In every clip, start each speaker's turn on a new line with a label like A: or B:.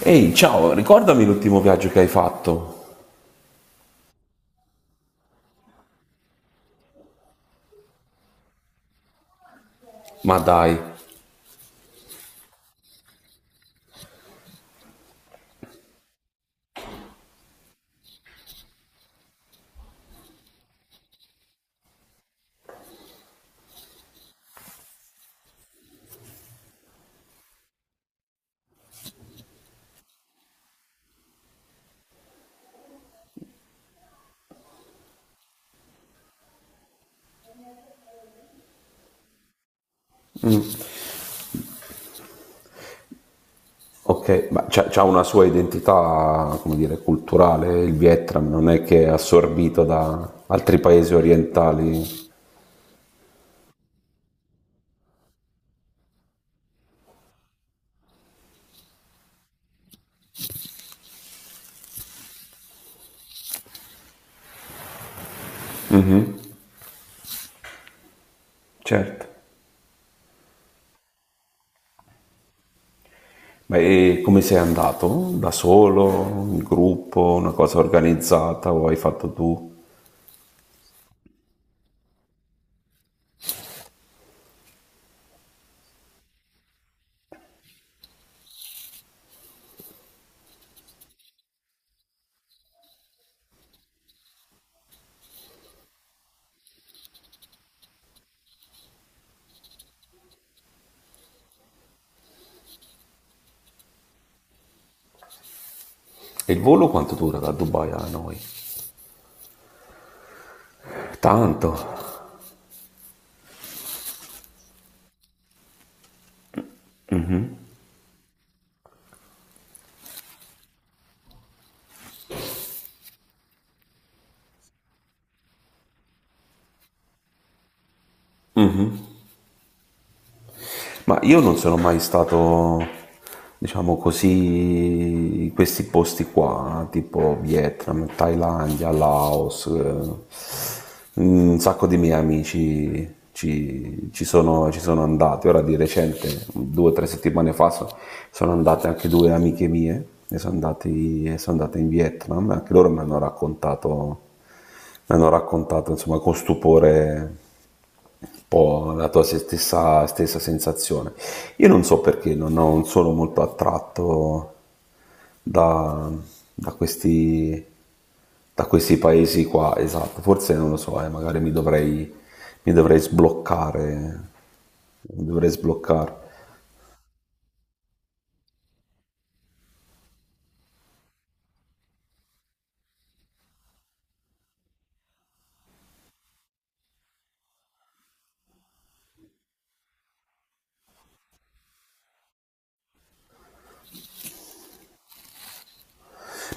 A: Ehi, ciao, ricordami l'ultimo viaggio che hai fatto. Ma dai, ok, ma c'ha una sua identità, come dire, culturale, il Vietnam non è che è assorbito da altri paesi orientali. Certo. Ma e come sei andato? Da solo, in gruppo, una cosa organizzata o hai fatto tu? E il volo quanto dura da Dubai a noi? Tanto. Ma io non sono mai stato, diciamo così, in questi posti qua, tipo Vietnam, Thailandia, Laos. Un sacco di miei amici ci sono andati. Ora di recente, due o tre settimane fa, sono andate anche due amiche mie e e sono andate in Vietnam. Anche loro mi hanno raccontato, mi hanno raccontato insomma con stupore un po' la tua stessa sensazione. Io non so perché non, non sono molto attratto da, da questi, da questi paesi qua, esatto, forse non lo so, magari mi dovrei sbloccare, mi dovrei sbloccare.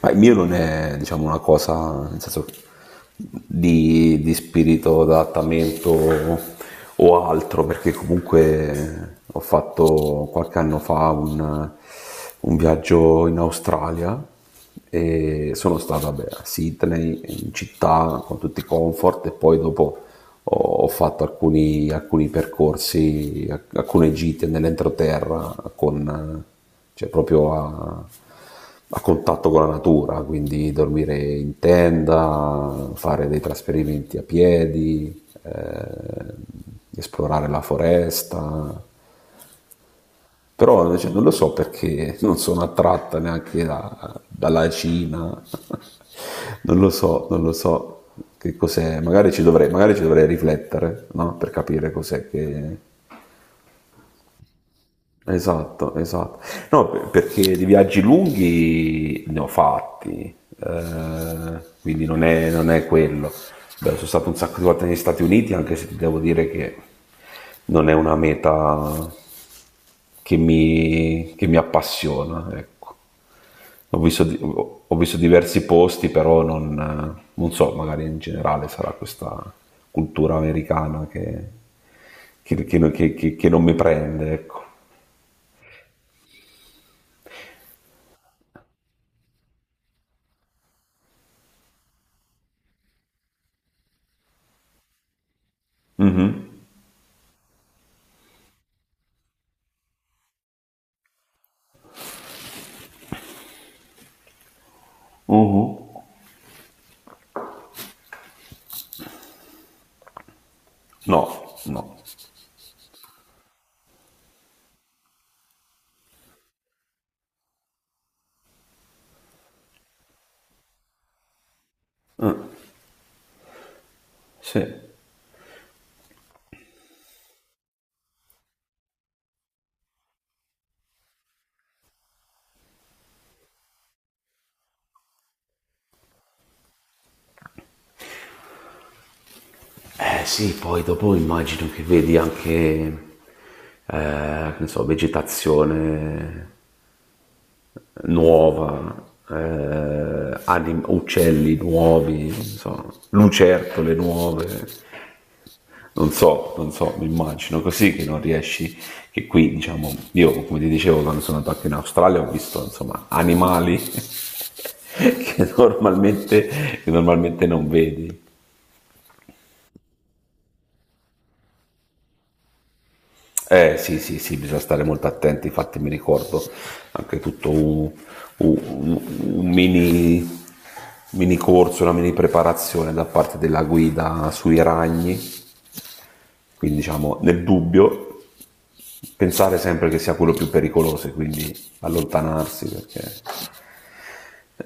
A: Ma il mio non è, diciamo, una cosa, nel senso, di spirito d'adattamento o altro, perché comunque ho fatto qualche anno fa un viaggio in Australia e sono stato, vabbè, a Sydney, in città, con tutti i comfort e poi dopo ho, ho fatto alcuni, alcuni percorsi, alcune gite nell'entroterra con, cioè proprio a a contatto con la natura, quindi dormire in tenda, fare dei trasferimenti a piedi, esplorare la foresta. Però cioè, non lo so perché non sono attratta neanche dalla Cina. Non lo so, non lo so che cos'è. Magari ci dovrei riflettere, no? Per capire cos'è che... Esatto, esatto. No, perché di viaggi lunghi ne ho fatti, quindi non è, non è quello. Beh, sono stato un sacco di volte negli Stati Uniti, anche se ti devo dire che non è una meta che mi appassiona, ecco. Ho visto, ho visto diversi posti, però non, non so, magari in generale sarà questa cultura americana che, che non mi prende, ecco. Mhm. Mhm. No, no. Sì. Eh sì, poi dopo immagino che vedi anche, che ne so, vegetazione nuova, uccelli nuovi, non so, lucertole nuove. Non so, non so, mi immagino così che non riesci, che qui diciamo, io come ti dicevo quando sono andato anche in Australia ho visto insomma animali normalmente, che normalmente non vedi. Eh sì, sì, sì, bisogna stare molto attenti, infatti mi ricordo anche tutto un, un- un mini, mini corso, una mini preparazione da parte della guida sui ragni, quindi diciamo nel dubbio pensare sempre che sia quello più pericoloso e quindi allontanarsi perché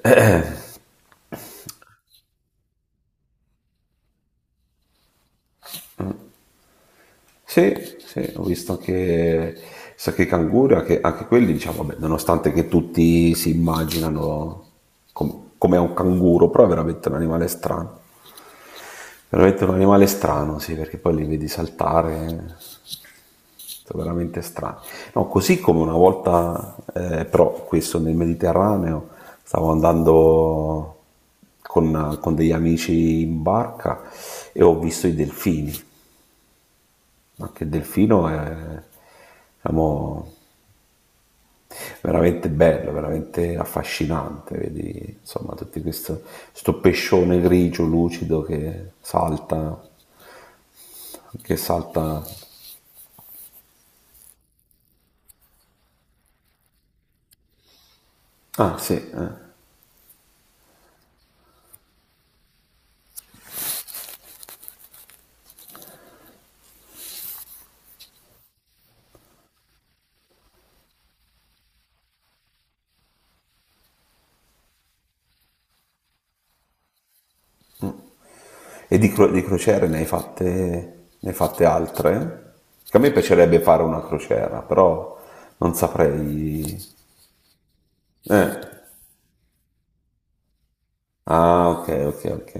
A: Sì, sì, ho visto anche, so che i canguri, anche, anche quelli, diciamo, vabbè, nonostante che tutti si immaginano come un canguro, però è veramente un animale strano. Veramente un animale strano, sì, perché poi li vedi saltare, sono veramente strani. No, così come una volta, però questo nel Mediterraneo, stavo andando con degli amici in barca e ho visto i delfini. Anche il delfino è, diciamo, veramente bello, veramente affascinante, vedi insomma tutto questo, questo pescione grigio lucido che salta... Ah sì, eh. E di, di crociere ne hai fatte altre? Che a me piacerebbe fare una crociera, però non saprei... Eh. Ah ok, ok, ok.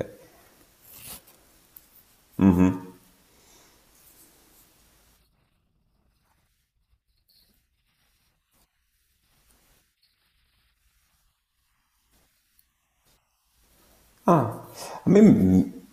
A: Ah, a me mm,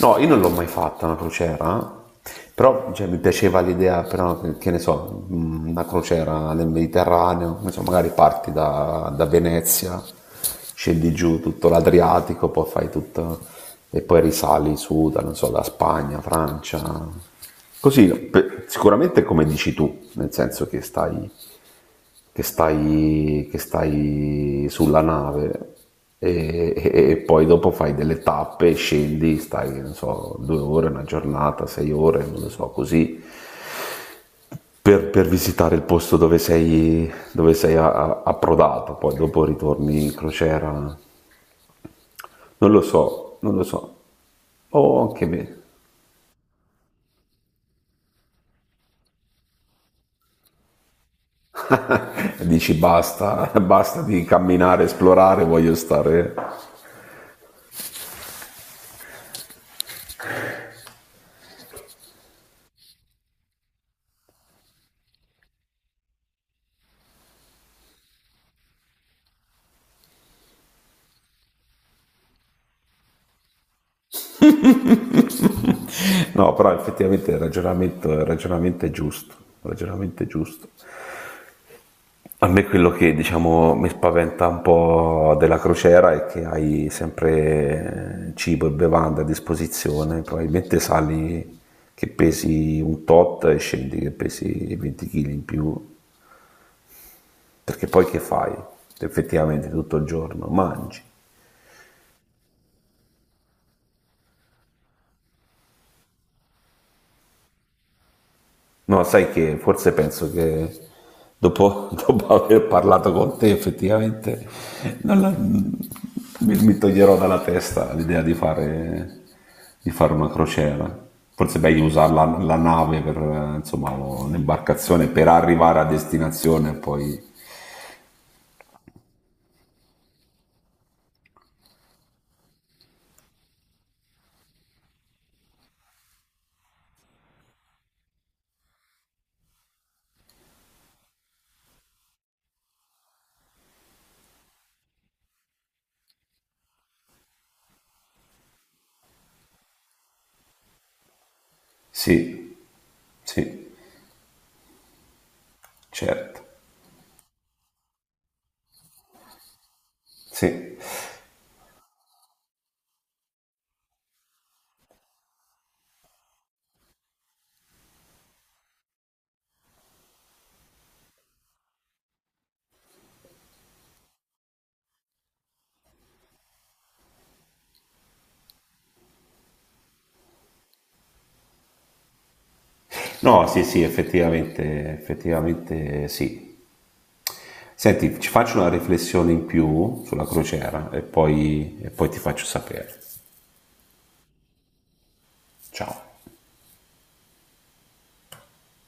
A: no, io non l'ho mai fatta una crociera, però cioè, mi piaceva l'idea, però, che ne so, una crociera nel Mediterraneo, non so, magari parti da, da Venezia, scendi giù tutto l'Adriatico, poi fai tutto e poi risali su, da, non so, da Spagna, Francia. Così, sicuramente come dici tu, nel senso che stai che stai, che stai sulla nave e, e poi dopo fai delle tappe, scendi, stai, che ne so, due ore, una giornata, sei ore, non lo so, così, per visitare il posto dove sei approdato, poi dopo ritorni in crociera, non lo so, non lo so, o anche me. Dici basta, basta di camminare, esplorare, voglio stare. No, però effettivamente il ragionamento è giusto, il ragionamento è giusto. A me quello che diciamo mi spaventa un po' della crociera è che hai sempre cibo e bevande a disposizione, probabilmente sali che pesi un tot e scendi che pesi 20 kg in più, perché poi che fai? Effettivamente tutto il giorno mangi. No, sai che forse penso che dopo, dopo aver parlato con te effettivamente non la- mi toglierò dalla testa l'idea di fare una crociera. Forse è meglio usare la, la nave per insomma, l'imbarcazione per arrivare a destinazione e poi sì, sì, certo. Sì. No, sì, sì, effettivamente, effettivamente sì. Senti, ci faccio una riflessione in più sulla crociera e poi ti faccio sapere. Ciao.